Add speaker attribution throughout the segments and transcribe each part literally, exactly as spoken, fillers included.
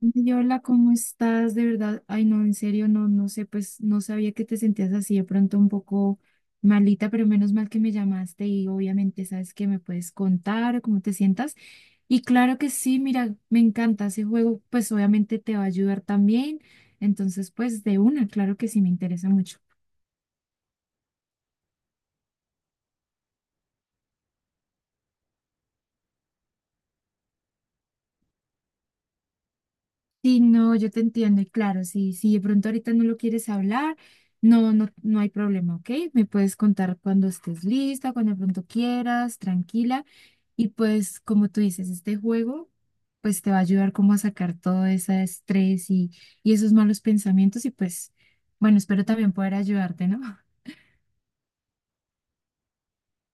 Speaker 1: Ay, hola, ¿cómo estás? De verdad, ay, no, en serio, no, no sé, pues no sabía que te sentías así de pronto un poco malita, pero menos mal que me llamaste y obviamente sabes que me puedes contar o cómo te sientas. Y claro que sí, mira, me encanta ese juego, pues obviamente te va a ayudar también. Entonces, pues de una, claro que sí, me interesa mucho. Sí, no, yo te entiendo y claro, sí, si de pronto ahorita no lo quieres hablar, no, no, no hay problema, ¿ok? Me puedes contar cuando estés lista, cuando de pronto quieras, tranquila. Y pues, como tú dices, este juego, pues te va a ayudar como a sacar todo ese estrés y, y esos malos pensamientos y pues, bueno, espero también poder ayudarte, ¿no?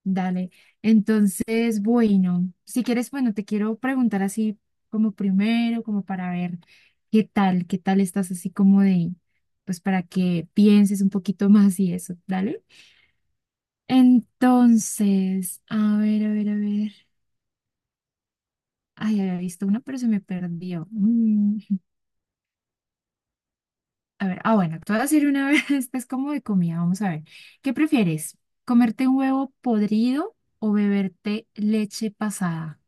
Speaker 1: Dale. Entonces, bueno, si quieres, bueno, te quiero preguntar así como primero, como para ver qué tal, qué tal estás así como de, pues para que pienses un poquito más y eso, dale. Entonces, a ver, a ver, a ver. Ay, había visto una, pero se me perdió. Mm, A ver, ah, bueno, te voy a decir una vez, esta es como de comida, vamos a ver. ¿Qué prefieres? ¿Comerte un huevo podrido o beberte leche pasada?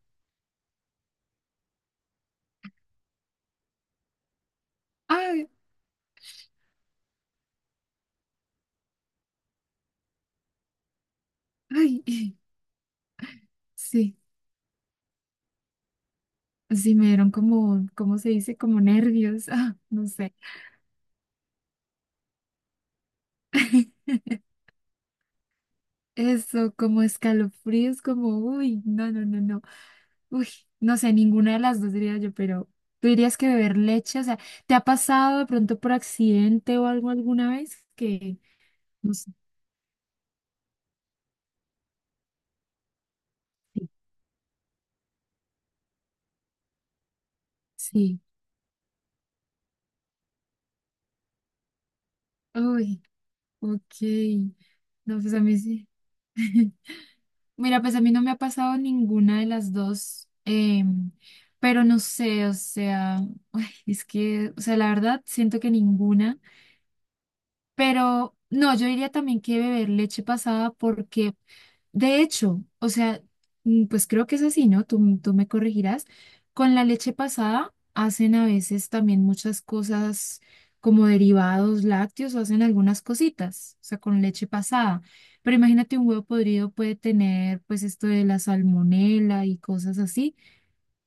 Speaker 1: Ay, ay. Sí, sí, me dieron como, ¿cómo se dice? Como nervios, ah, no sé. Eso, como escalofríos, como, uy, no, no, no, no. Uy, no sé, ninguna de las dos diría yo, pero tú dirías que beber leche, o sea, ¿te ha pasado de pronto por accidente o algo alguna vez? Que, no sé, sí. Sí. Uy, ok. No, pues a mí sí. Mira, pues a mí no me ha pasado ninguna de las dos, em, pero no sé, o sea. Es que, o sea, la verdad, siento que ninguna, pero no, yo diría también que beber leche pasada porque, de hecho, o sea, mm, pues creo que es así, ¿no? Tú, tú me corregirás. Con la leche pasada hacen a veces también muchas cosas como derivados lácteos o hacen algunas cositas, o sea, con leche pasada. Pero imagínate, un huevo podrido puede tener pues esto de la salmonela y cosas así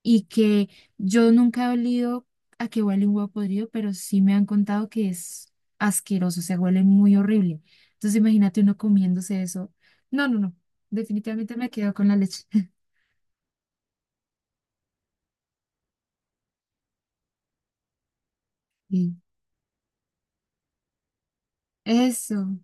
Speaker 1: y que yo nunca he olido a que huele un huevo podrido, pero sí me han contado que es asqueroso, o sea, huele muy horrible. Entonces imagínate uno comiéndose eso. No, no, no, definitivamente me quedo con la leche. Y eso,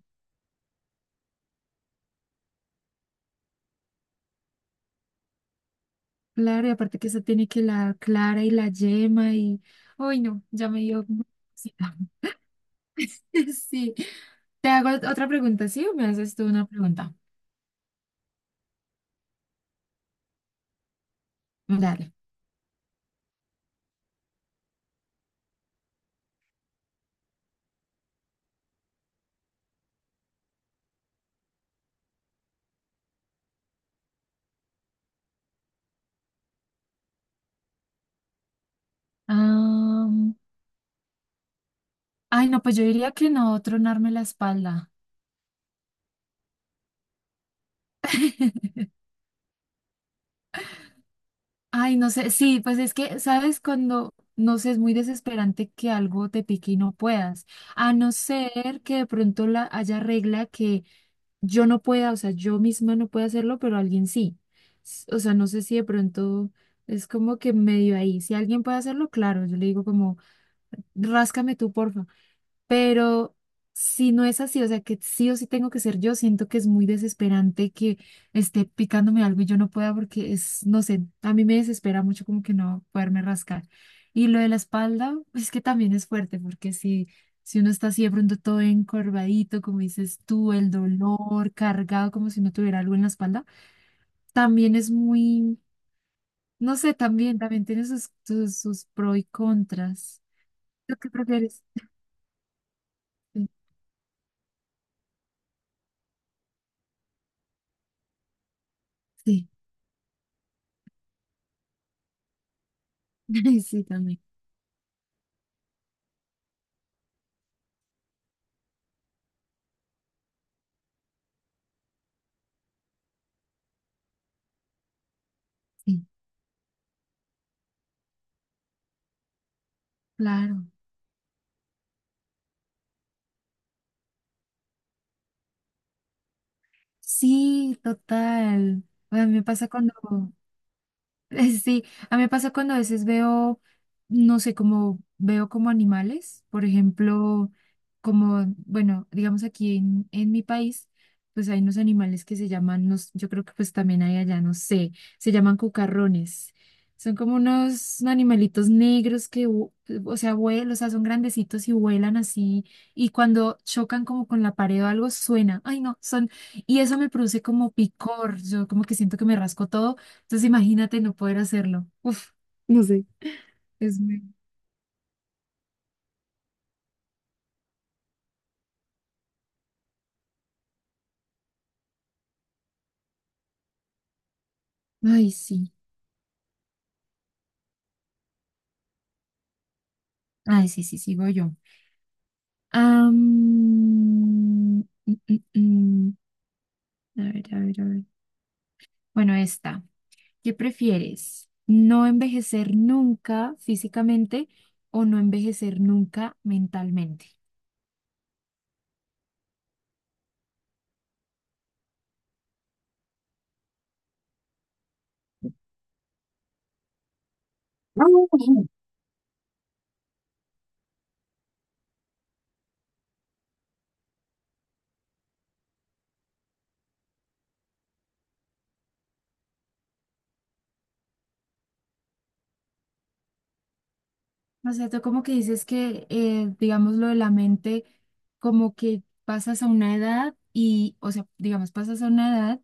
Speaker 1: claro, y aparte que eso tiene que la clara y la yema y, uy, no, ya me dio... cosita. Sí, te hago otra pregunta, ¿sí? ¿O me haces tú una pregunta? Dale. Am, ay, no, pues yo diría que no, tronarme la espalda. Ay, no sé, sí, pues es que, ¿sabes? Cuando, no sé, es muy desesperante que algo te pique y no puedas, a no ser que de pronto la haya regla que yo no pueda, o sea, yo misma no pueda hacerlo, pero alguien sí. S- O sea, no sé si de pronto es como que medio ahí, si alguien puede hacerlo, claro, yo le digo como, ráscame tú, porfa. Pero si no es así, o sea, que sí o sí tengo que ser yo, siento que es muy desesperante que esté picándome algo y yo no pueda porque es, no sé, a mí me desespera mucho como que no poderme rascar. Y lo de la espalda, es que también es fuerte porque si, si uno está así de pronto todo encorvadito, como dices tú, el dolor cargado como si no tuviera algo en la espalda, también es muy, no sé, también, también tiene sus, sus, sus pros y contras. ¿Lo que prefieres? Sí, sí, sí, también. Sí. Claro. Sí, total. Bueno, a mí me pasa cuando, sí, a mí me pasa cuando a veces veo, no sé, como veo como animales, por ejemplo, como, bueno, digamos aquí en, en mi país, pues hay unos animales que se llaman, no s- yo creo que pues también hay allá, no sé, se llaman cucarrones. Son como unos animalitos negros que, vu- o sea, vuelan, o sea, son grandecitos y vuelan así, y cuando chocan como con la pared o algo suena, ay no, son, y eso me produce como picor, yo como que siento que me rasco todo, entonces imagínate no poder hacerlo. Uf, no sé. Es muy... Ay, sí. Ay, sí, sí, sigo yo. Am, mm, mm, mm. A ver, a ver, a ver. Bueno, esta. ¿Qué prefieres? ¿No envejecer nunca físicamente o no envejecer nunca mentalmente? O sea, tú como que dices que, eh, digamos, lo de la mente, como que pasas a una edad y, o sea, digamos, pasas a una edad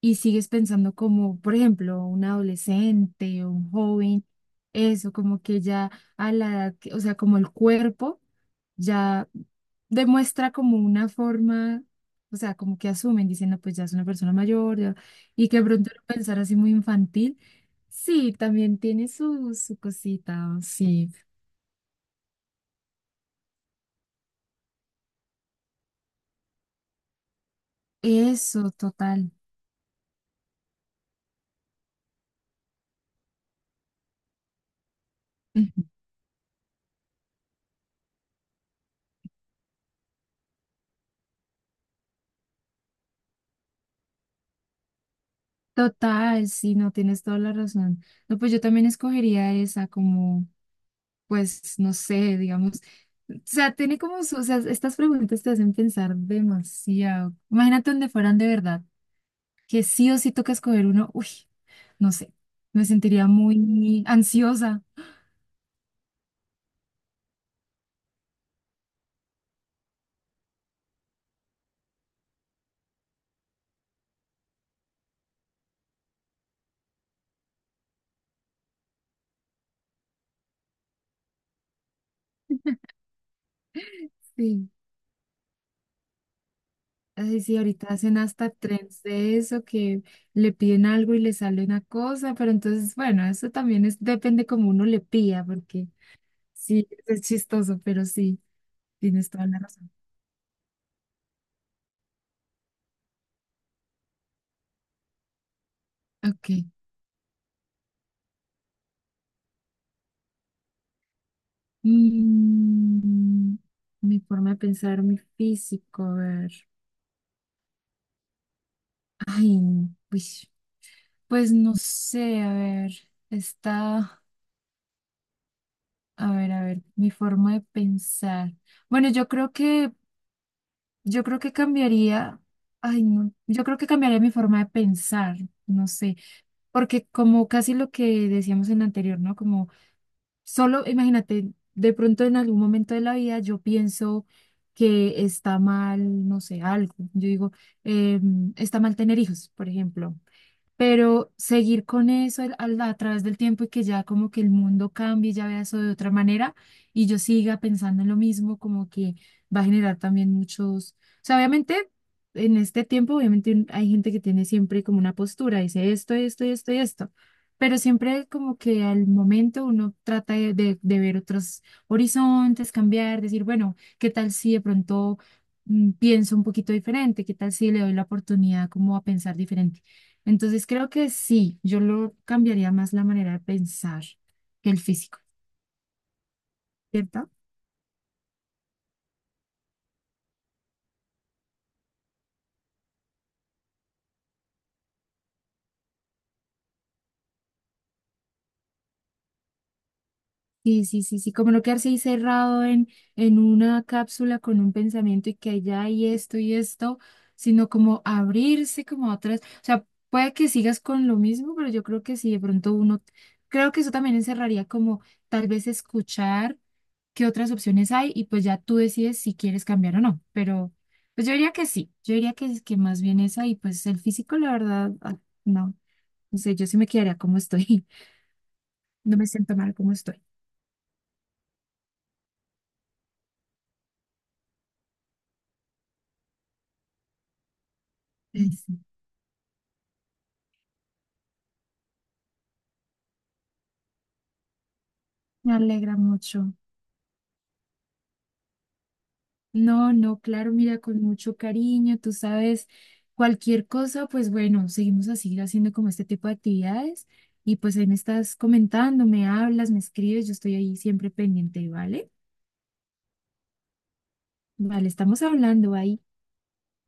Speaker 1: y sigues pensando como, por ejemplo, un adolescente o un joven, eso, como que ya a la edad, que- o sea, como el cuerpo ya demuestra como una forma, o sea, como que asumen, diciendo, pues ya es una persona mayor, ya- y que de pronto lo pensar así muy infantil, sí, también tiene su, su cosita, sí, eso, total. Ujú. Total, sí, no tienes toda la razón. No, pues yo también escogería esa como. Pues no sé, digamos, o sea, tiene como su, o sea, estas preguntas te hacen pensar demasiado. Imagínate donde fueran de verdad, que sí o sí toca escoger uno, uy, no sé, me sentiría muy ansiosa. Sí, así sí, ahorita hacen hasta trends de eso, que le piden algo y le sale una cosa, pero entonces, bueno, eso también es, depende como uno le pida, porque sí, es chistoso, pero sí, tienes toda la razón. Ok, Mm, mi forma de pensar, mi físico, a ver. Ay, pues, pues no sé, a ver, está, a ver, a ver, mi forma de pensar. Bueno, yo creo que, yo creo que cambiaría, ay, no, yo creo que cambiaría mi forma de pensar, no sé, porque como casi lo que decíamos en la anterior, ¿no? Como solo imagínate, de pronto en algún momento de la vida yo pienso que está mal, no sé, algo. Yo digo, em, está mal tener hijos, por ejemplo. Pero seguir con eso al- al- a través del tiempo y que ya como que el mundo cambie, ya vea eso de otra manera y yo siga pensando en lo mismo, como que va a generar también muchos, o sea, obviamente en este tiempo, obviamente un- hay gente que tiene siempre como una postura, dice esto, esto, esto y esto, pero siempre como que al momento uno trata de, de, de ver otros horizontes, cambiar, decir, bueno, ¿qué tal si de pronto mm, pienso un poquito diferente? ¿Qué tal si le doy la oportunidad como a pensar diferente? Entonces creo que sí, yo lo cambiaría más la manera de pensar que el físico, ¿cierto? Sí, sí, sí, sí, como no quedarse ahí cerrado en, en una cápsula con un pensamiento y que allá hay esto y esto, sino como abrirse como a otras, o sea, puede que sigas con lo mismo, pero yo creo que si de pronto uno, creo que eso también encerraría como tal vez escuchar qué otras opciones hay y pues ya tú decides si quieres cambiar o no, pero pues yo diría que sí, yo diría que, es- que más bien esa y pues el físico, la verdad, ah, no, no sé, yo sí me quedaría como estoy, no me siento mal como estoy. Me alegra mucho. No, no, claro, mira, con mucho cariño, tú sabes, cualquier cosa, pues bueno, seguimos a seguir haciendo como este tipo de actividades y pues ahí me estás comentando, me hablas, me escribes, yo estoy ahí siempre pendiente, ¿vale? Vale, estamos hablando ahí.